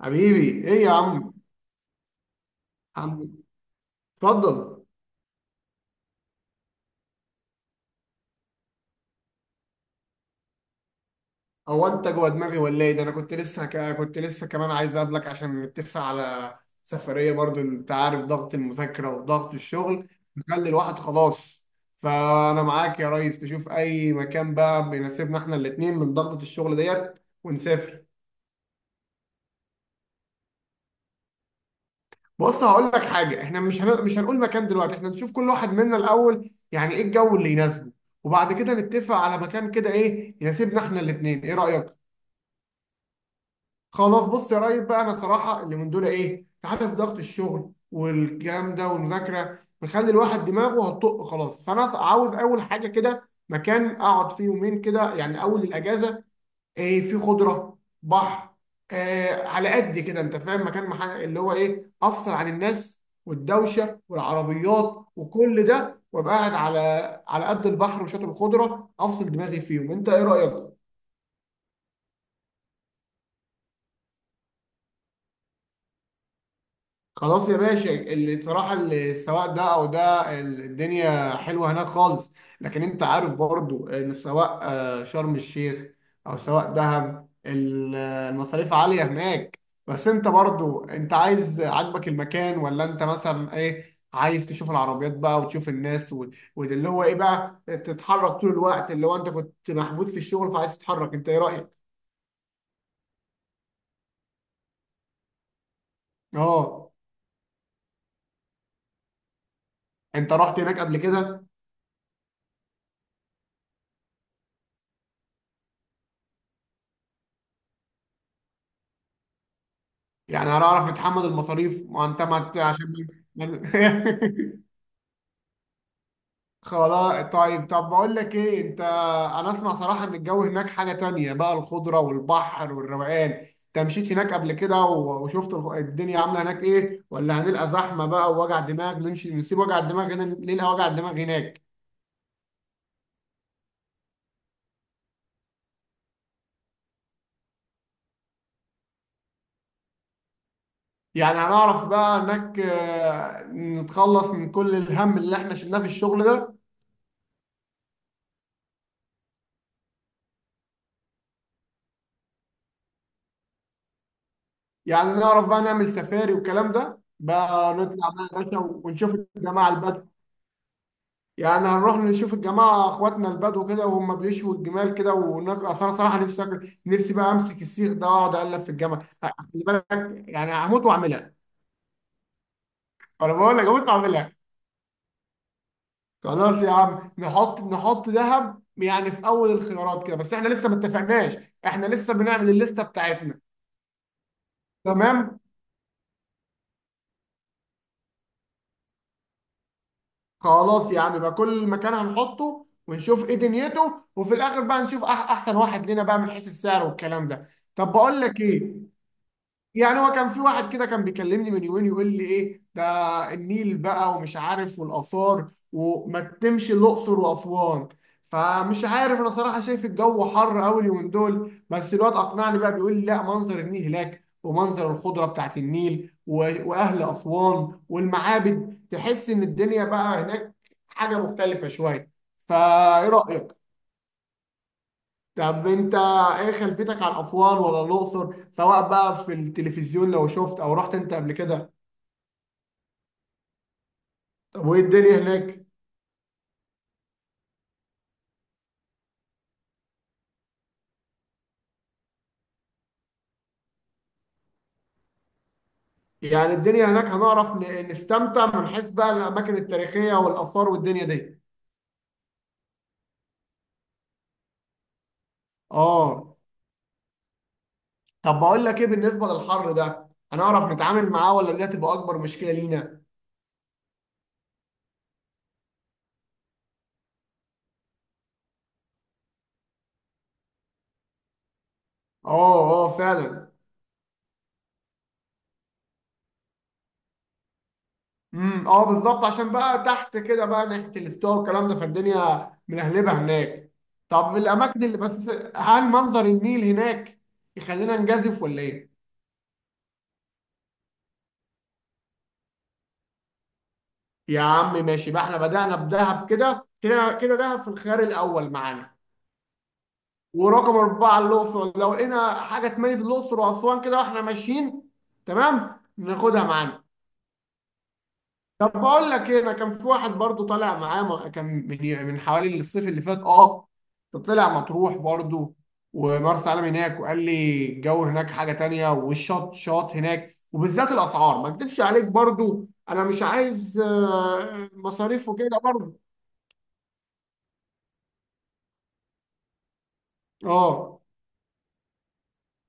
حبيبي ايه يا عم؟ عم، اتفضل. هو انت جوه دماغي ولا ايه ده؟ انا كنت لسه كمان عايز اقابلك عشان نتفق على سفريه. برضو انت عارف ضغط المذاكره وضغط الشغل مخلي الواحد خلاص. فانا معاك يا ريس، تشوف اي مكان بقى بيناسبنا احنا الاتنين من ضغطه الشغل ديت ونسافر. بص، هقول لك حاجه، احنا مش هنقول مكان دلوقتي. احنا نشوف كل واحد منا الاول، يعني ايه الجو اللي يناسبه، وبعد كده نتفق على مكان كده ايه يناسبنا احنا الاتنين. ايه رايك؟ خلاص، بص يا ريس بقى، انا صراحه اللي من دول ايه، انت عارف ضغط الشغل والكلام ده والمذاكره بيخلي الواحد دماغه هتطق خلاص. فانا عاوز اول حاجه كده مكان اقعد فيه يومين كده يعني اول الاجازه. ايه؟ في خضره، بحر. آه، على قد كده، انت فاهم؟ مكان اللي هو ايه، افصل عن الناس والدوشه والعربيات وكل ده، وابقى قاعد على قد البحر وشاطئ الخضره، افصل دماغي فيهم. انت ايه رايك؟ خلاص يا باشا، اللي صراحة اللي السواق ده او ده، الدنيا حلوة هناك خالص. لكن انت عارف برضو ان سواء شرم الشيخ او سواء دهب، المصاريف عالية هناك. بس انت برضو انت عايز، عاجبك المكان ولا انت مثلا ايه؟ عايز تشوف العربيات بقى وتشوف الناس وده اللي هو ايه بقى، تتحرك طول الوقت اللي هو انت كنت محبوس في الشغل فعايز تتحرك؟ انت ايه رأيك؟ اه. انت رحت هناك قبل كده؟ يعني هنعرف نتحمل المصاريف؟ ما انت ما انت- عشان ما ما- خلاص، طيب، طب بقول لك ايه انت. انا اسمع صراحة ان الجو هناك حاجة تانية بقى، الخضرة والبحر والروقان. انت مشيت هناك قبل كده وشفت الدنيا عاملة هناك ايه ولا هنلقى زحمة بقى ووجع دماغ؟ نمشي نسيب وجع الدماغ هنا نلقى وجع الدماغ هناك. يعني هنعرف بقى هناك، نتخلص من كل الهم اللي احنا شلناه في الشغل ده؟ يعني نعرف بقى نعمل سفاري والكلام ده بقى، نطلع بقى يا باشا ونشوف الجماعة البدو. يعني هنروح نشوف الجماعة اخواتنا البدو كده وهم بيشوا الجمال كده اصل انا صراحة نفسي بقى امسك السيخ ده واقعد اقلب في الجمل، خلي بالك. يعني هموت واعملها. انا بقول لك هموت واعملها. خلاص يا عم، نحط ذهب يعني في اول الخيارات كده، بس احنا لسه ما اتفقناش. احنا لسه بنعمل الليسته بتاعتنا. تمام. خلاص يا عم بقى، كل مكان هنحطه ونشوف ايه دنيته، وفي الاخر بقى نشوف احسن واحد لنا بقى من حيث السعر والكلام ده. طب بقول لك ايه. يعني هو كان في واحد كده كان بيكلمني من يومين يقول لي ايه ده، النيل بقى ومش عارف والاثار وما تتمشي الاقصر واسوان. فمش عارف، انا صراحه شايف الجو حر قوي اليومين دول، بس الواد اقنعني بقى بيقول لي لا، منظر النيل هناك ومنظر الخضره بتاعت النيل واهل اسوان والمعابد، تحس ان الدنيا بقى هناك حاجه مختلفه شويه. فايه رايك؟ طب انت، ايه خلفيتك عن اسوان ولا الاقصر، سواء بقى في التلفزيون لو شفت او رحت انت قبل كده؟ طب وايه الدنيا هناك؟ يعني الدنيا هناك هنعرف نستمتع من حيث بقى الاماكن التاريخيه والاثار والدنيا دي؟ اه. طب بقول لك ايه، بالنسبه للحر ده هنعرف نتعامل معاه ولا دي هتبقى اكبر مشكله لينا؟ اه، اه، فعلا. اه، بالظبط، عشان بقى تحت كده بقى ناحيه الاستواء والكلام ده فالدنيا ملهلبه هناك. طب الاماكن اللي، بس هل منظر النيل هناك يخلينا نجازف ولا ايه؟ يا عم ماشي بقى، احنا بدأنا بدهب كده كده كده، دهب في الخيار الاول معانا. ورقم 4 الاقصر، لو لقينا حاجه تميز الاقصر واسوان كده واحنا ماشيين تمام ناخدها معانا. طب بقول لك ايه، انا كان في واحد برضو طالع معاه كان من حوالي الصيف اللي فات، اه. طلع مطروح برضو ومرسى علم هناك، وقال لي الجو هناك حاجة تانية، والشط شاط هناك، وبالذات الاسعار ما اكدبش عليك برضو، انا مش عايز مصاريف وكده برضو. اه.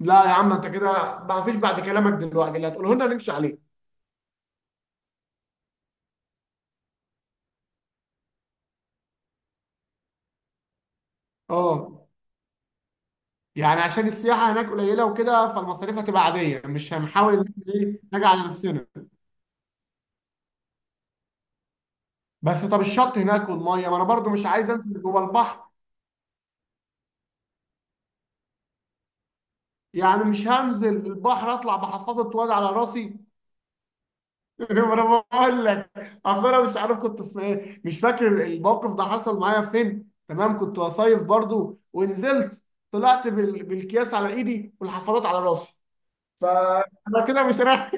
لا يا عم، انت كده ما فيش بعد كلامك دلوقتي اللي هتقوله لنا نمشي عليه. اه، يعني عشان السياحة هناك قليلة وكده فالمصاريف هتبقى عادية، مش هنحاول ان احنا ايه نجي على نفسنا. بس، طب الشط هناك والميه، ما انا برضو مش عايز انزل جوه البحر. يعني مش هنزل البحر اطلع بحفاضه واد على راسي؟ ما انا بقول لك. اصل انا مش عارف كنت في ايه، مش فاكر الموقف ده حصل معايا فين، تمام كنت بصيف برضو ونزلت. طلعت بالكياس على ايدي والحفاضات على راسي. فانا كده مش رايح.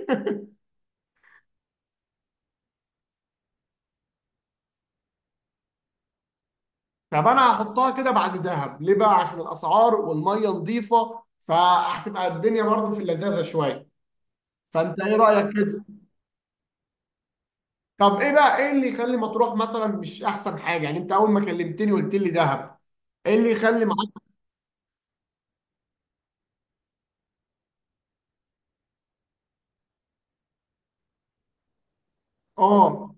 طب انا هحطها كده بعد دهب ليه بقى، عشان الاسعار والميه نظيفه فهتبقى الدنيا برضو في اللذاذه شويه. فانت ايه رايك كده؟ طب ايه بقى، ايه اللي يخلي مطروح مثلا مش احسن حاجه؟ يعني انت اول ما كلمتني قلت لي دهب. ايه اللي يخلي معاك؟ اه،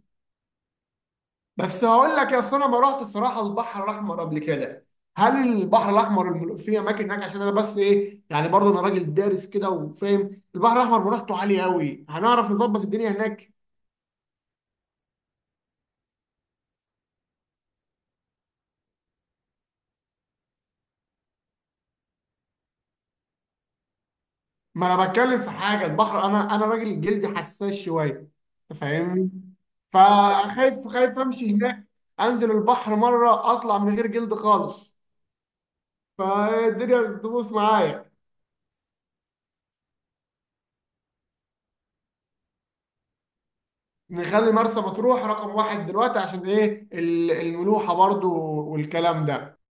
بس هقول لك يا، أصل انا ما رحت الصراحه البحر الاحمر قبل كده. هل البحر الاحمر في اماكن هناك؟ عشان انا بس ايه يعني برضه انا راجل دارس كده وفاهم البحر الاحمر مريحته عاليه قوي، هنعرف نظبط الدنيا هناك؟ ما انا بتكلم في حاجه البحر، انا راجل جلدي حساس شويه. أنت فاهمني. فخايف، خايف امشي هناك انزل البحر مره اطلع من غير جلد خالص. فالدنيا بتبوظ معايا. نخلي مرسى مطروح رقم واحد دلوقتي، عشان ايه الملوحة برضو والكلام ده.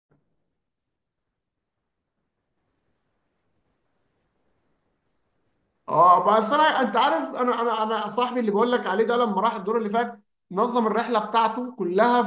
اه، بس انا، انت عارف انا صاحبي اللي بقول لك عليه ده لما راح الدور اللي فات نظم الرحله بتاعته كلها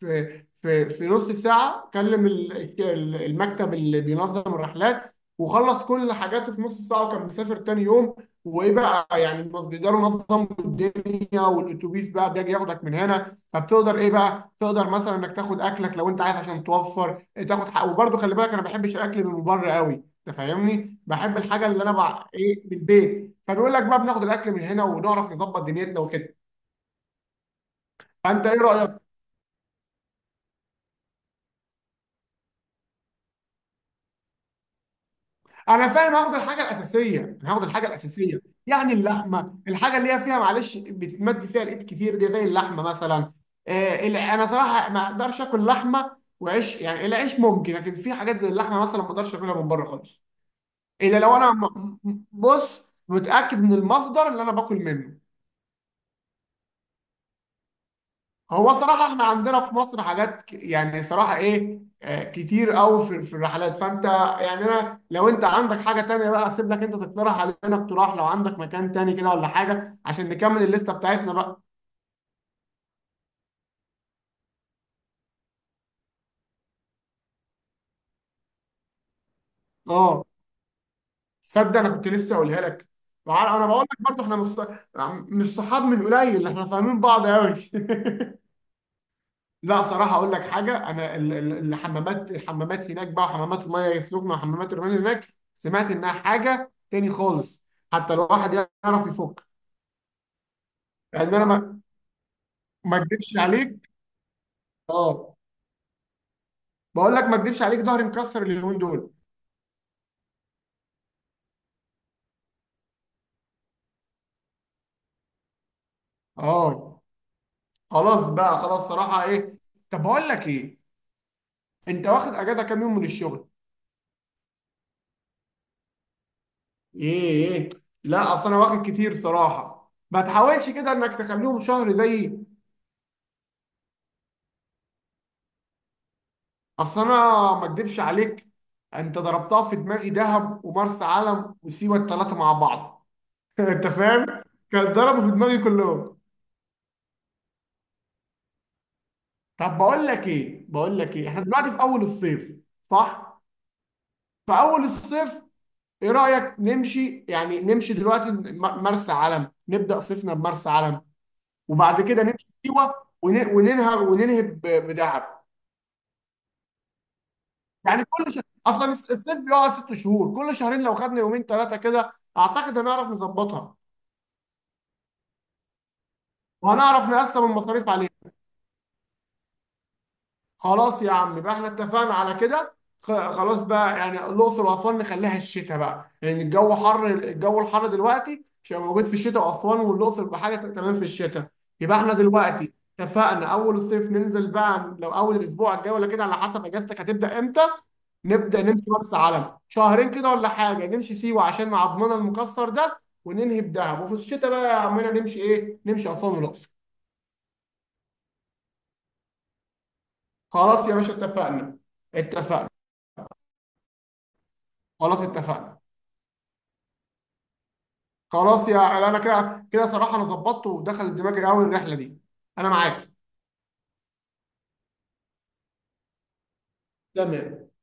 في نص ساعه، كلم المكتب اللي بينظم الرحلات وخلص كل حاجاته في نص ساعه وكان مسافر تاني يوم. وايه بقى يعني، بس بيقدروا ينظموا الدنيا والاتوبيس بقى بيجي ياخدك من هنا، فبتقدر ايه بقى، تقدر مثلا انك تاخد اكلك لو انت عايز عشان توفر. تاخد حق، وبرده خلي بالك انا ما بحبش الاكل من بره قوي، تفهمني. بحب الحاجه اللي انا ايه، من البيت، فنقول لك بقى بناخد الاكل من هنا ونعرف نظبط دنيتنا وكده. فانت ايه رايك؟ انا فاهم، هاخد الحاجه الاساسيه، انا هاخد الحاجه الاساسيه. يعني اللحمه، الحاجه اللي هي فيها معلش بتتمد فيها الايد كتير دي، زي اللحمه مثلا. انا صراحه ما اقدرش اكل لحمه وعيش، يعني العيش ممكن، لكن في حاجات زي اللحمه مثلا ما اقدرش اكلها من بره خالص. الا لو انا بص متاكد من المصدر اللي انا باكل منه. هو صراحة احنا عندنا في مصر حاجات يعني صراحة ايه كتير قوي في الرحلات، فانت، يعني انا، لو انت عندك حاجة تانية بقى اسيب لك انت تقترح علينا اقتراح، لو عندك مكان تاني كده ولا حاجة عشان نكمل الليستة بتاعتنا بقى. اه، صدق انا كنت لسه اقولها لك. انا بقول لك برضه احنا مش صحاب من قليل، احنا فاهمين بعض قوي. لا، صراحة أقول لك حاجة، أنا الحمامات هناك بقى، وحمامات المية يفلوكنا وحمامات الرمال هناك، سمعت إنها حاجة تاني خالص. حتى لو واحد يعرف يفك. يعني أنا ما أكدبش عليك. أه. بقول لك ما أكدبش عليك، ظهري مكسر اليومين دول. أه، خلاص بقى، خلاص صراحة إيه. طب بقول لك إيه، أنت واخد أجازة كام يوم من الشغل؟ إيه؟ إيه؟ لا، أصل أنا واخد كتير صراحة، ما تحاولش كده إنك تخليهم شهر زيي. اصل انا ما اكدبش عليك، انت ضربتها في دماغي، دهب ومرسى علم وسيوه الثلاثه مع بعض. انت فاهم. كان ضربوا في دماغي كلهم. طب بقول لك ايه، بقول لك ايه، احنا دلوقتي في اول الصيف. صح. في اول الصيف، ايه رايك نمشي؟ يعني نمشي دلوقتي مرسى علم، نبدا صيفنا بمرسى علم. وبعد كده نمشي سيوه. ون- وننهى وننهي بدهب. يعني كل شهر، اصلا الصيف بيقعد 6 شهور، كل شهرين لو خدنا يومين ثلاثه كده اعتقد هنعرف نظبطها. وهنعرف نقسم المصاريف عليه. خلاص يا عم بقى، احنا اتفقنا على كده. خلاص بقى، يعني الاقصر واسوان نخليها الشتاء بقى، لان الجو حر، الجو الحر دلوقتي مش هيبقى موجود في الشتاء، واسوان والاقصر بحاجه تمام في الشتاء. يبقى احنا دلوقتي اتفقنا، اول الصيف ننزل بقى، لو اول الاسبوع الجاي ولا كده على حسب اجازتك هتبدا امتى. نبدا نمشي مرسى علم شهرين كده ولا حاجه، نمشي سيوه عشان مع عضمنا المكسر ده، وننهي بدهب، وفي الشتاء بقى يا عمنا نمشي ايه، نمشي اسوان والاقصر. خلاص يا باشا، اتفقنا. اتفقنا خلاص. اتفقنا. خلاص يا، انا كده كده صراحه، انا ظبطت ودخلت دماغي قوي الرحله دي. انا معاك. تمام.